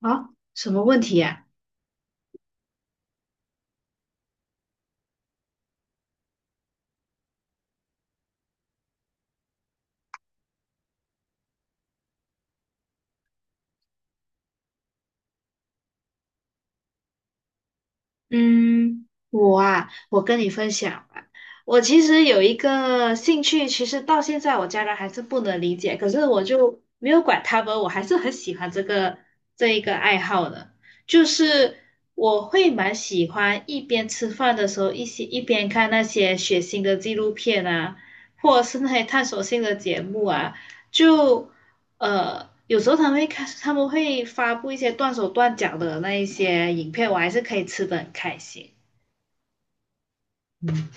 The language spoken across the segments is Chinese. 啊，什么问题呀？嗯，我啊，我跟你分享吧。我其实有一个兴趣，其实到现在我家人还是不能理解，可是我就没有管他们，我还是很喜欢这一个爱好的。就是我会蛮喜欢一边吃饭的时候，一边看那些血腥的纪录片啊，或者是那些探索性的节目啊，就有时候他们会看，他们会发布一些断手断脚的那一些影片，我还是可以吃的很开心。嗯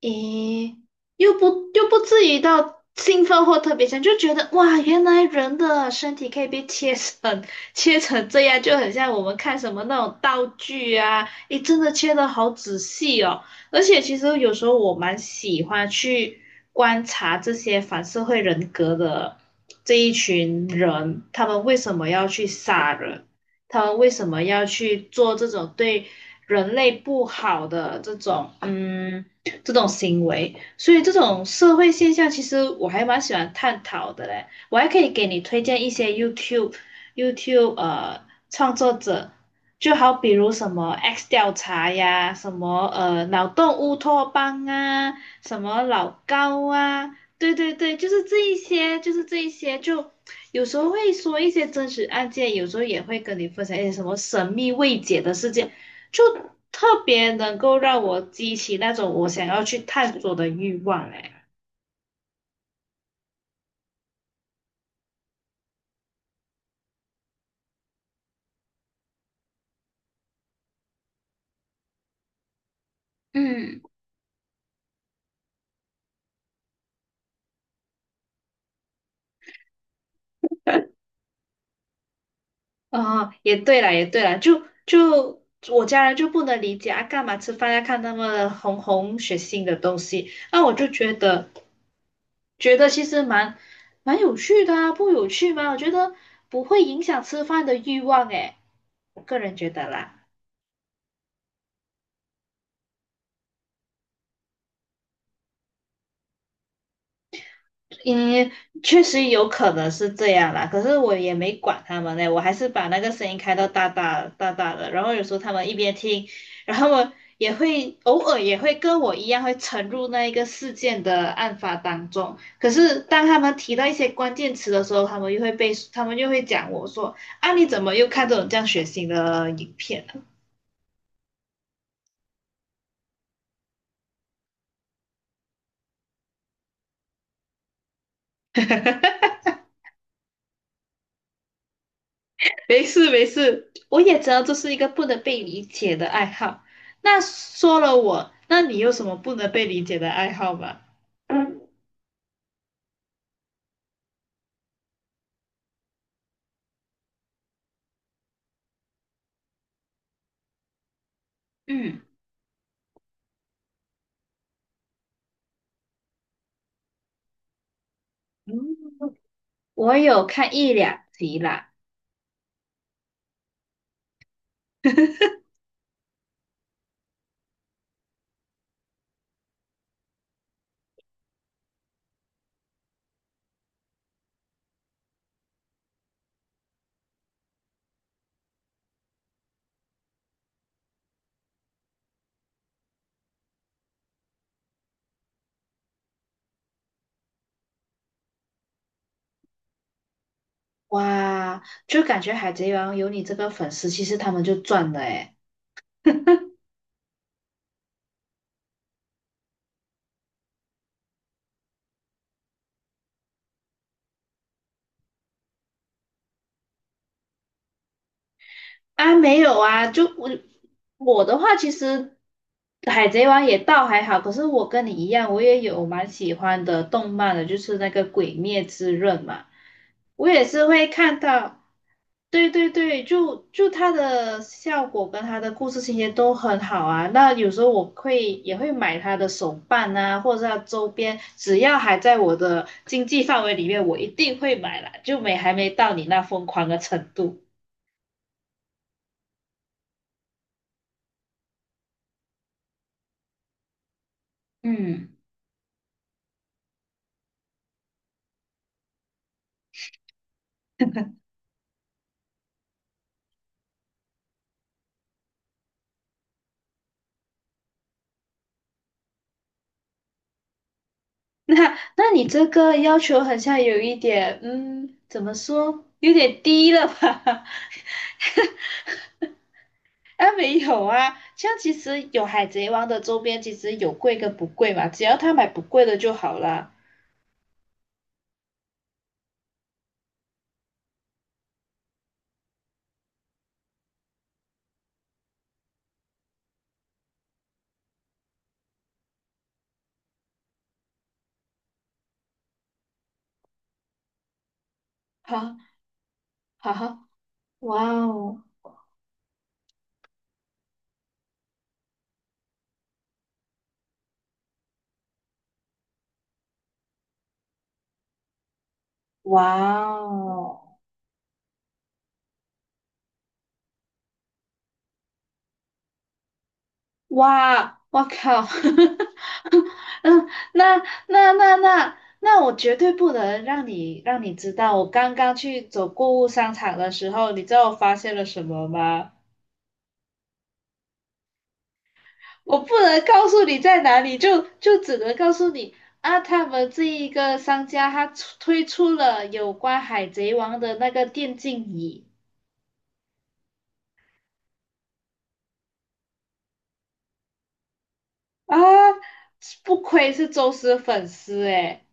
咦，又不又不至于到兴奋或特别强，就觉得哇，原来人的身体可以被切成 切成这样，就很像我们看什么那种道具啊，诶，真的切的好仔细哦。而且其实有时候我蛮喜欢去观察这些反社会人格的这一群人，他们为什么要去杀人？他们为什么要去做这种对人类不好的这种行为。所以这种社会现象，其实我还蛮喜欢探讨的嘞。我还可以给你推荐一些 YouTube创作者，就好比如什么 X 调查呀，什么脑洞乌托邦啊，什么老高啊，对对对，就是这一些，就有时候会说一些真实案件，有时候也会跟你分享一些什么神秘未解的事件，就特别能够让我激起那种我想要去探索的欲望哎。嗯，哦，也对了，就我家人就不能理解啊，干嘛吃饭要看那么红红血腥的东西？那我就觉得，觉得其实蛮有趣的啊，不有趣吗？我觉得不会影响吃饭的欲望诶，我个人觉得啦。嗯，确实有可能是这样啦，可是我也没管他们嘞，我还是把那个声音开到大大大大的，然后有时候他们一边听，然后我偶尔也会跟我一样会沉入那一个事件的案发当中，可是当他们提到一些关键词的时候，他们又会讲我说啊你怎么又看这种这样血腥的影片？没事没事，我也知道这是一个不能被理解的爱好。那说了我，那你有什么不能被理解的爱好吗？嗯嗯，嗯，我有看一两集啦。哇，就感觉《海贼王》有你这个粉丝，其实他们就赚了诶。啊，没有啊，我的话，其实《海贼王》也倒还好，可是我跟你一样，我也有蛮喜欢的动漫的，就是那个《鬼灭之刃》嘛，我也是会看到，对对对，它的效果跟它的故事情节都很好啊。那有时候也会买它的手办啊，或者是它周边，只要还在我的经济范围里面，我一定会买啦，就没还没到你那疯狂的程度，嗯。那那你这个要求好像有一点，嗯，怎么说，有点低了吧？啊，没有啊，像其实有海贼王的周边，其实有贵跟不贵嘛，只要他买不贵的就好了。好，好，好，哇哦，哇哦。哇，我靠，嗯，那我绝对不能让你知道，我刚刚去走购物商场的时候，你知道我发现了什么吗？我不能告诉你在哪里，只能告诉你啊，他们这一个商家推出了有关海贼王的那个电竞椅啊，不愧是宙斯粉丝诶，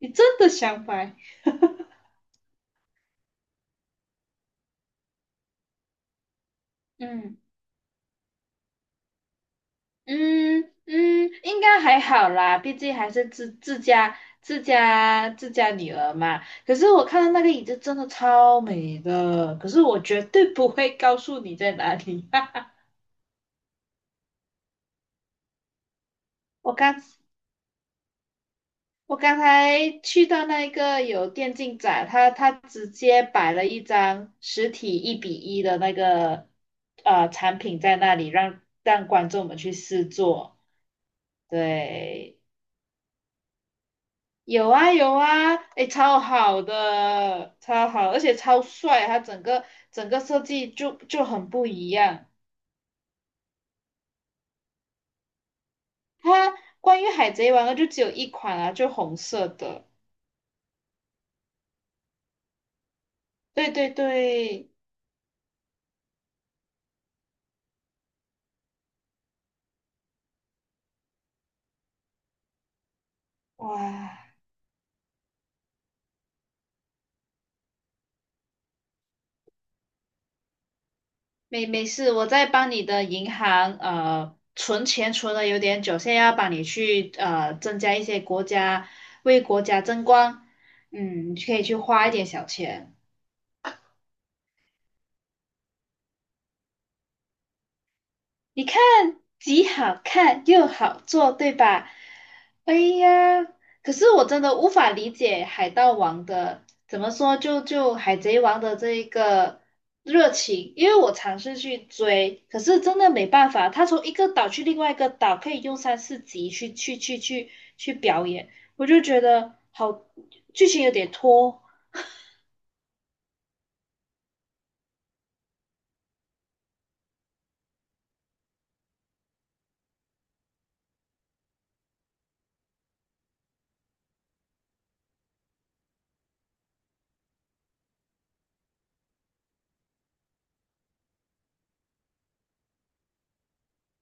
你真的想买，嗯。嗯嗯，应该还好啦，毕竟还是自家女儿嘛。可是我看到那个椅子真的超美的，可是我绝对不会告诉你在哪里。我刚我刚才去到那个有电竞展，他直接摆了一张实体1比1的那个产品在那里，让观众们去试坐。对。有啊有啊，诶，超好的，超好，而且超帅，它整个整个设计很不一样。它关于海贼王的就只有一款啊，就红色的。对对对，哇，没没事，我在帮你的银行存钱存了有点久，现在要帮你去增加一些为国家争光，嗯，你可以去花一点小钱。你看，既好看又好做，对吧？哎呀，可是我真的无法理解海盗王的，怎么说海贼王的这一个热情，因为我尝试去追，可是真的没办法，他从一个岛去另外一个岛，可以用三四集去表演，我就觉得好，剧情有点拖，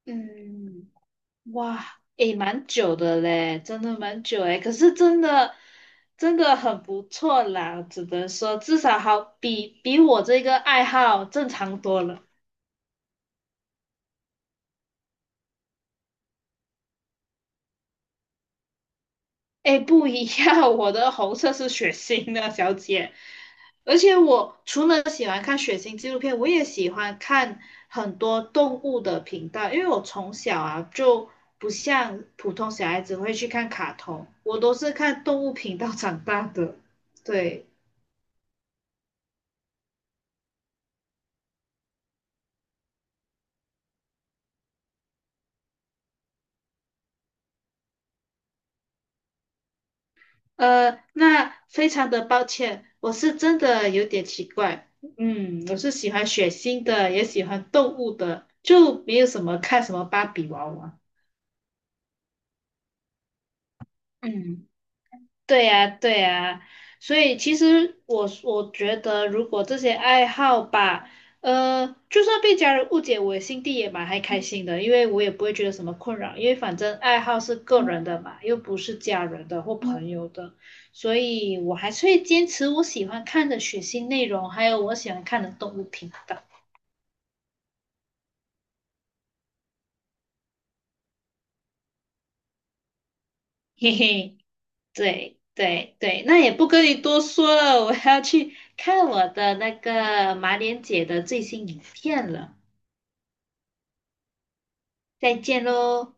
嗯。哇，诶，蛮久的嘞，真的蛮久诶。可是真的，真的很不错啦，只能说至少好比我这个爱好正常多了。诶，不一样，我的红色是血腥的，小姐。而且我除了喜欢看血腥纪录片，我也喜欢看很多动物的频道，因为我从小啊就不像普通小孩子会去看卡通，我都是看动物频道长大的。对。呃，那非常的抱歉，我是真的有点奇怪。嗯，我是喜欢血腥的，也喜欢动物的，就没有什么看什么芭比娃娃。嗯。对呀，对呀，所以其实我我觉得，如果这些爱好吧，呃，就算被家人误解，我心地也蛮还开心的，因为我也不会觉得什么困扰，因为反正爱好是个人的嘛，又不是家人的或朋友的，所以我还是会坚持我喜欢看的血腥内容，还有我喜欢看的动物频道。嘿嘿，对对对，那也不跟你多说了，我要去看我的那个马脸姐的最新影片了。再见喽。